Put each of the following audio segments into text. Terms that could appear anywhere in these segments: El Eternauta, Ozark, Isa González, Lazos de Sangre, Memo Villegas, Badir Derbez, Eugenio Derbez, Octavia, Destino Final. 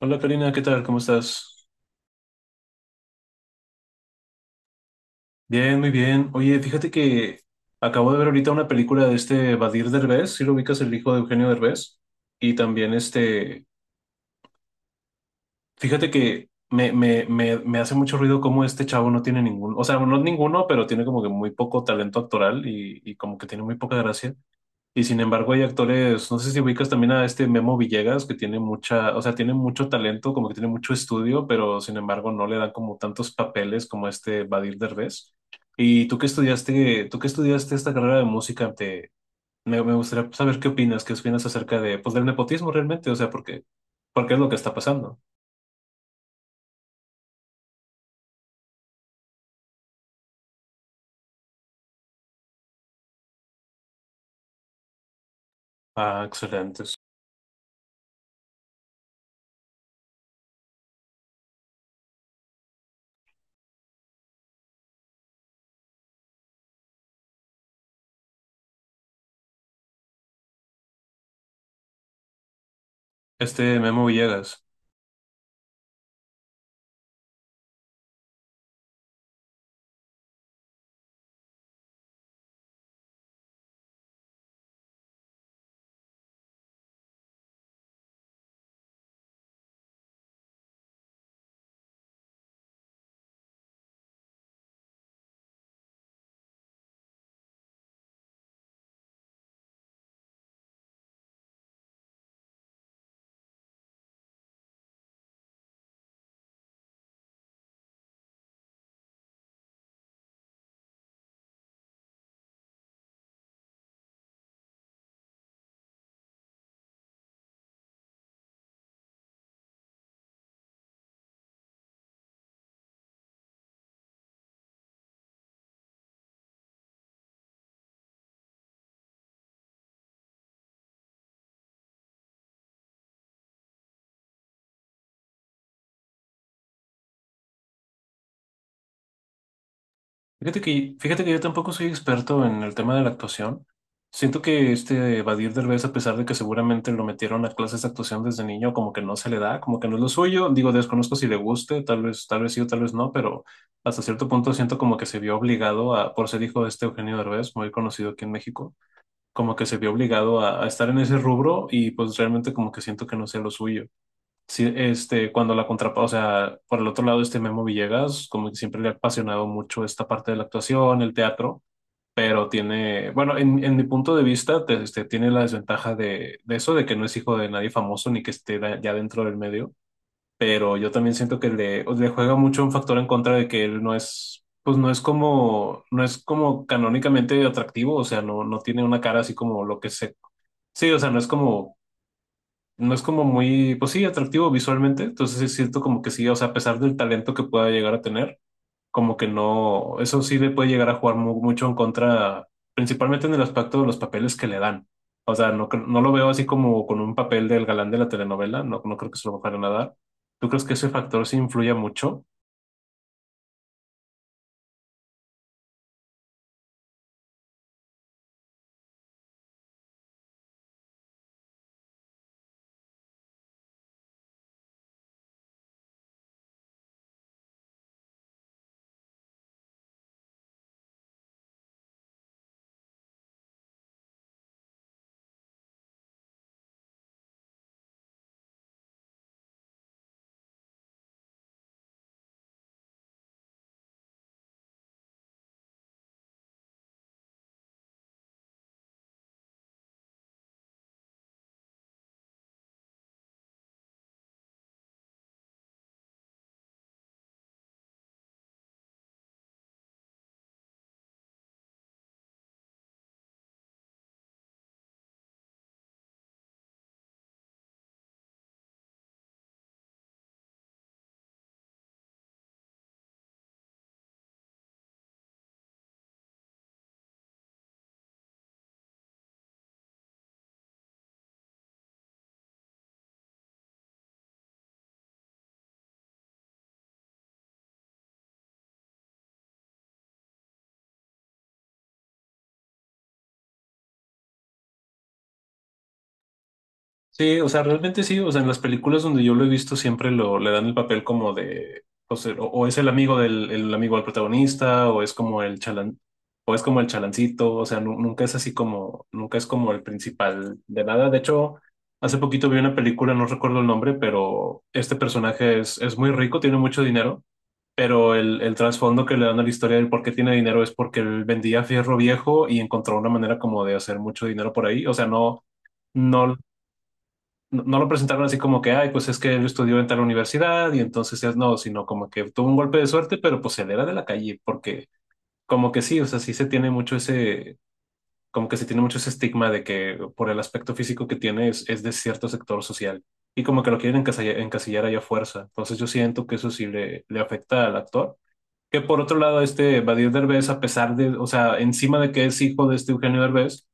Hola, Karina, ¿qué tal? ¿Cómo estás? Bien, muy bien. Oye, fíjate que acabo de ver ahorita una película de este Badir Derbez, si lo ubicas, el hijo de Eugenio Derbez. Y también fíjate que me hace mucho ruido cómo este chavo no tiene ningún, o sea, no ninguno, pero tiene como que muy poco talento actoral y como que tiene muy poca gracia. Y sin embargo hay actores, no sé si ubicas también a este Memo Villegas, que tiene mucha, o sea, tiene mucho talento, como que tiene mucho estudio, pero sin embargo no le dan como tantos papeles como este Badir Derbez. ¿Y tú que estudiaste esta carrera de música? Me gustaría saber qué opinas acerca de, pues, del nepotismo realmente, o sea, porque es lo que está pasando. Ah, excelentes. Este Memo Villegas. Fíjate que yo tampoco soy experto en el tema de la actuación. Siento que este Badir Derbez, a pesar de que seguramente lo metieron a clases de actuación desde niño, como que no se le da, como que no es lo suyo. Digo, desconozco si le guste, tal vez sí o tal vez no, pero hasta cierto punto siento como que se vio obligado a, por ser hijo de este Eugenio Derbez, muy conocido aquí en México, como que se vio obligado a estar en ese rubro y pues realmente como que siento que no sea lo suyo. Sí, este, cuando la contrapa, o sea, por el otro lado, este Memo Villegas, como que siempre le ha apasionado mucho esta parte de la actuación, el teatro, pero tiene, bueno, en mi punto de vista, este, tiene la desventaja de eso, de que no es hijo de nadie famoso ni que esté ya dentro del medio, pero yo también siento que le juega mucho un factor en contra de que él no es, pues no es como, no es como canónicamente atractivo, o sea, no tiene una cara así como lo que se, sí, o sea, no es como no es como muy, pues sí, atractivo visualmente, entonces sí siento como que sí, o sea, a pesar del talento que pueda llegar a tener, como que no, eso sí le puede llegar a jugar mucho en contra, principalmente en el aspecto de los papeles que le dan. O sea, no, no lo veo así como con un papel del galán de la telenovela, no, no creo que se lo vayan a dar. ¿Tú crees que ese factor sí influye mucho? Sí, o sea, realmente sí, o sea, en las películas donde yo lo he visto siempre le dan el papel como de, o sea, o es el amigo del protagonista, o es como el chalan, o es como el chalancito, o sea, nunca es así como, nunca es como el principal de nada. De hecho, hace poquito vi una película, no recuerdo el nombre, pero este personaje es muy rico, tiene mucho dinero, pero el trasfondo que le dan a la historia del por qué tiene dinero es porque él vendía fierro viejo y encontró una manera como de hacer mucho dinero por ahí, o sea, no. No, no, no lo presentaron así como que, ay, pues es que él estudió en tal universidad y entonces es no, sino como que tuvo un golpe de suerte, pero pues él era de la calle, porque como que sí, o sea, sí se tiene mucho ese, como que se tiene mucho ese estigma de que por el aspecto físico que tiene es de cierto sector social y como que lo quieren encasillar, encasillar ahí a fuerza. Entonces yo siento que eso sí le afecta al actor. Que por otro lado, este Badir Derbez, a pesar de, o sea, encima de que es hijo de este Eugenio Derbez,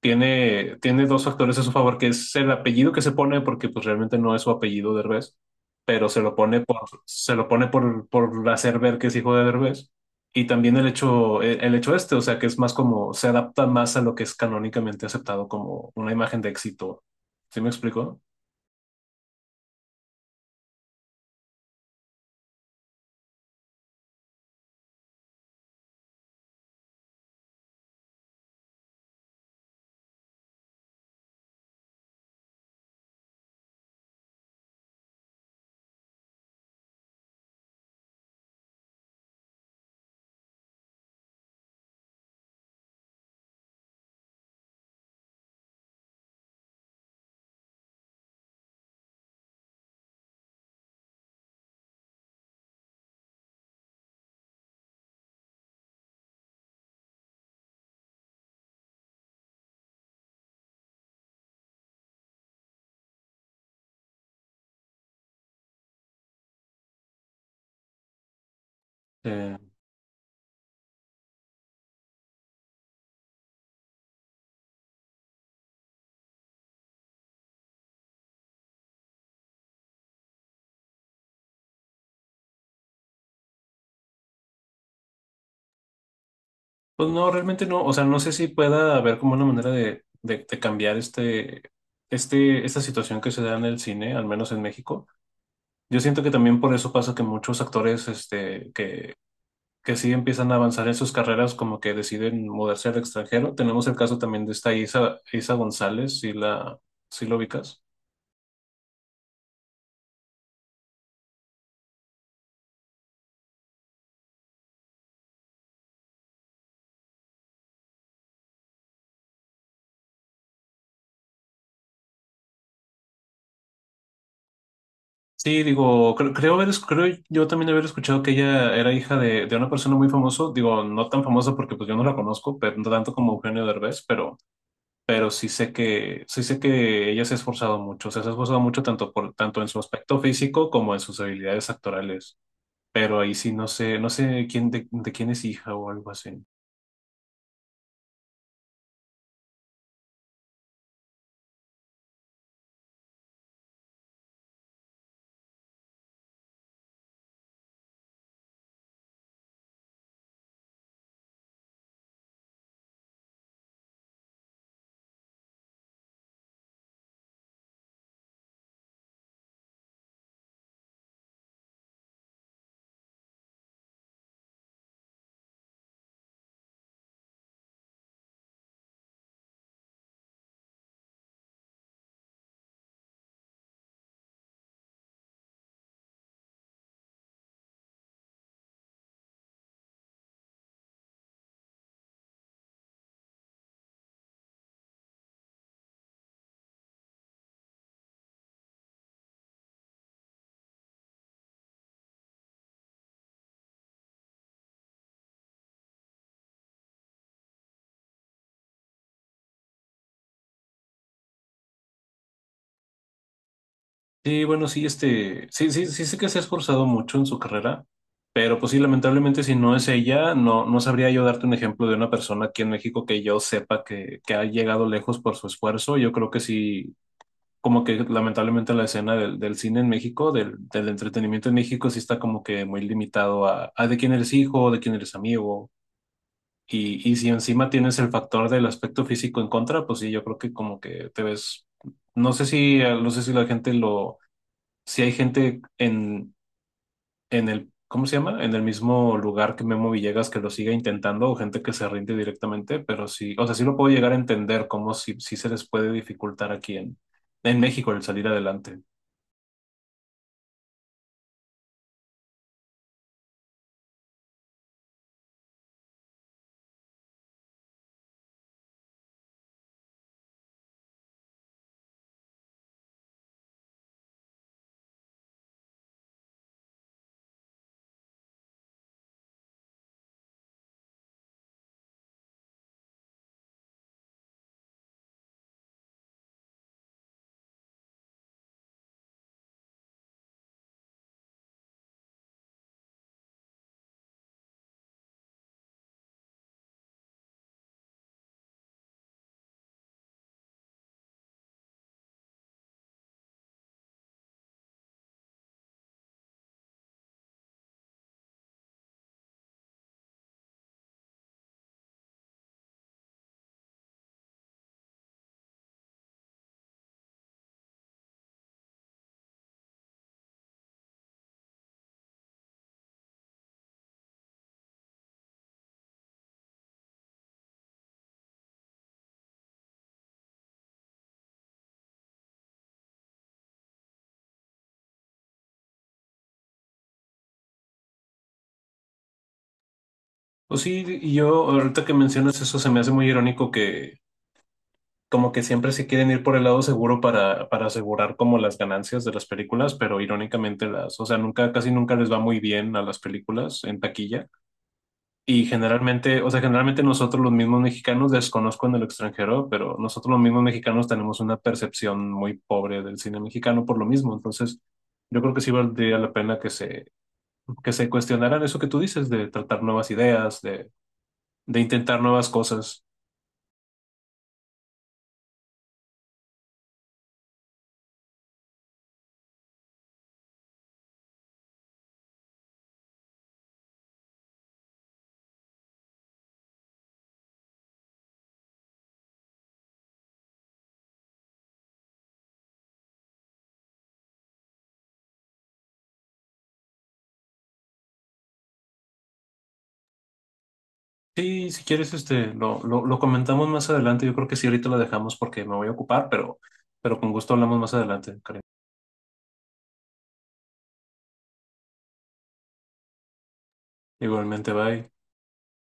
tiene, tiene dos factores a su favor, que es el apellido que se pone, porque pues realmente no es su apellido Derbez, pero se lo pone por, se lo pone por hacer ver que es hijo de Derbez. Y también el hecho, el hecho este, o sea, que es más como, se adapta más a lo que es canónicamente aceptado como una imagen de éxito. ¿Sí me explico? Eh, pues no, realmente no, o sea, no sé si pueda haber como una manera de cambiar este, este, esta situación que se da en el cine, al menos en México. Yo siento que también por eso pasa que muchos actores este, que sí empiezan a avanzar en sus carreras, como que deciden mudarse al extranjero. Tenemos el caso también de esta Isa, Isa González, si la, si lo ubicas. Sí, digo, creo, haber, creo yo también haber escuchado que ella era hija de una persona muy famosa, digo, no tan famosa porque pues yo no la conozco, pero no tanto como Eugenio Derbez, pero sí sé que ella se ha esforzado mucho, o sea, se ha esforzado mucho tanto por, tanto en su aspecto físico como en sus habilidades actorales. Pero ahí sí no sé, no sé quién de quién es hija o algo así. Sí, bueno, sí, este, sí, sí, sí sé que se ha esforzado mucho en su carrera, pero pues sí, lamentablemente si no es ella, no, no sabría yo darte un ejemplo de una persona aquí en México que yo sepa que ha llegado lejos por su esfuerzo. Yo creo que sí, como que lamentablemente la escena del, del cine en México, del, del entretenimiento en México, sí está como que muy limitado a de quién eres hijo, de quién eres amigo. Y si encima tienes el factor del aspecto físico en contra, pues sí, yo creo que como que te ves, no sé si, ah, no sé si la gente lo, si hay gente en el, ¿cómo se llama? En el mismo lugar que Memo Villegas que lo siga intentando o gente que se rinde directamente, pero sí, o sea, sí lo puedo llegar a entender cómo sí, sí se les puede dificultar aquí en México el salir adelante. Pues sí, y yo ahorita que mencionas eso, se me hace muy irónico que como que siempre se quieren ir por el lado seguro para asegurar como las ganancias de las películas, pero irónicamente las, o sea, nunca, casi nunca les va muy bien a las películas en taquilla. Y generalmente, o sea, generalmente nosotros los mismos mexicanos, desconozco en el extranjero, pero nosotros los mismos mexicanos tenemos una percepción muy pobre del cine mexicano por lo mismo. Entonces, yo creo que sí valdría la pena que se cuestionaran eso que tú dices, de tratar nuevas ideas, de intentar nuevas cosas. Sí, si quieres, este, lo comentamos más adelante. Yo creo que sí, ahorita lo dejamos porque me voy a ocupar, pero con gusto hablamos más adelante, Karim. Igualmente, bye.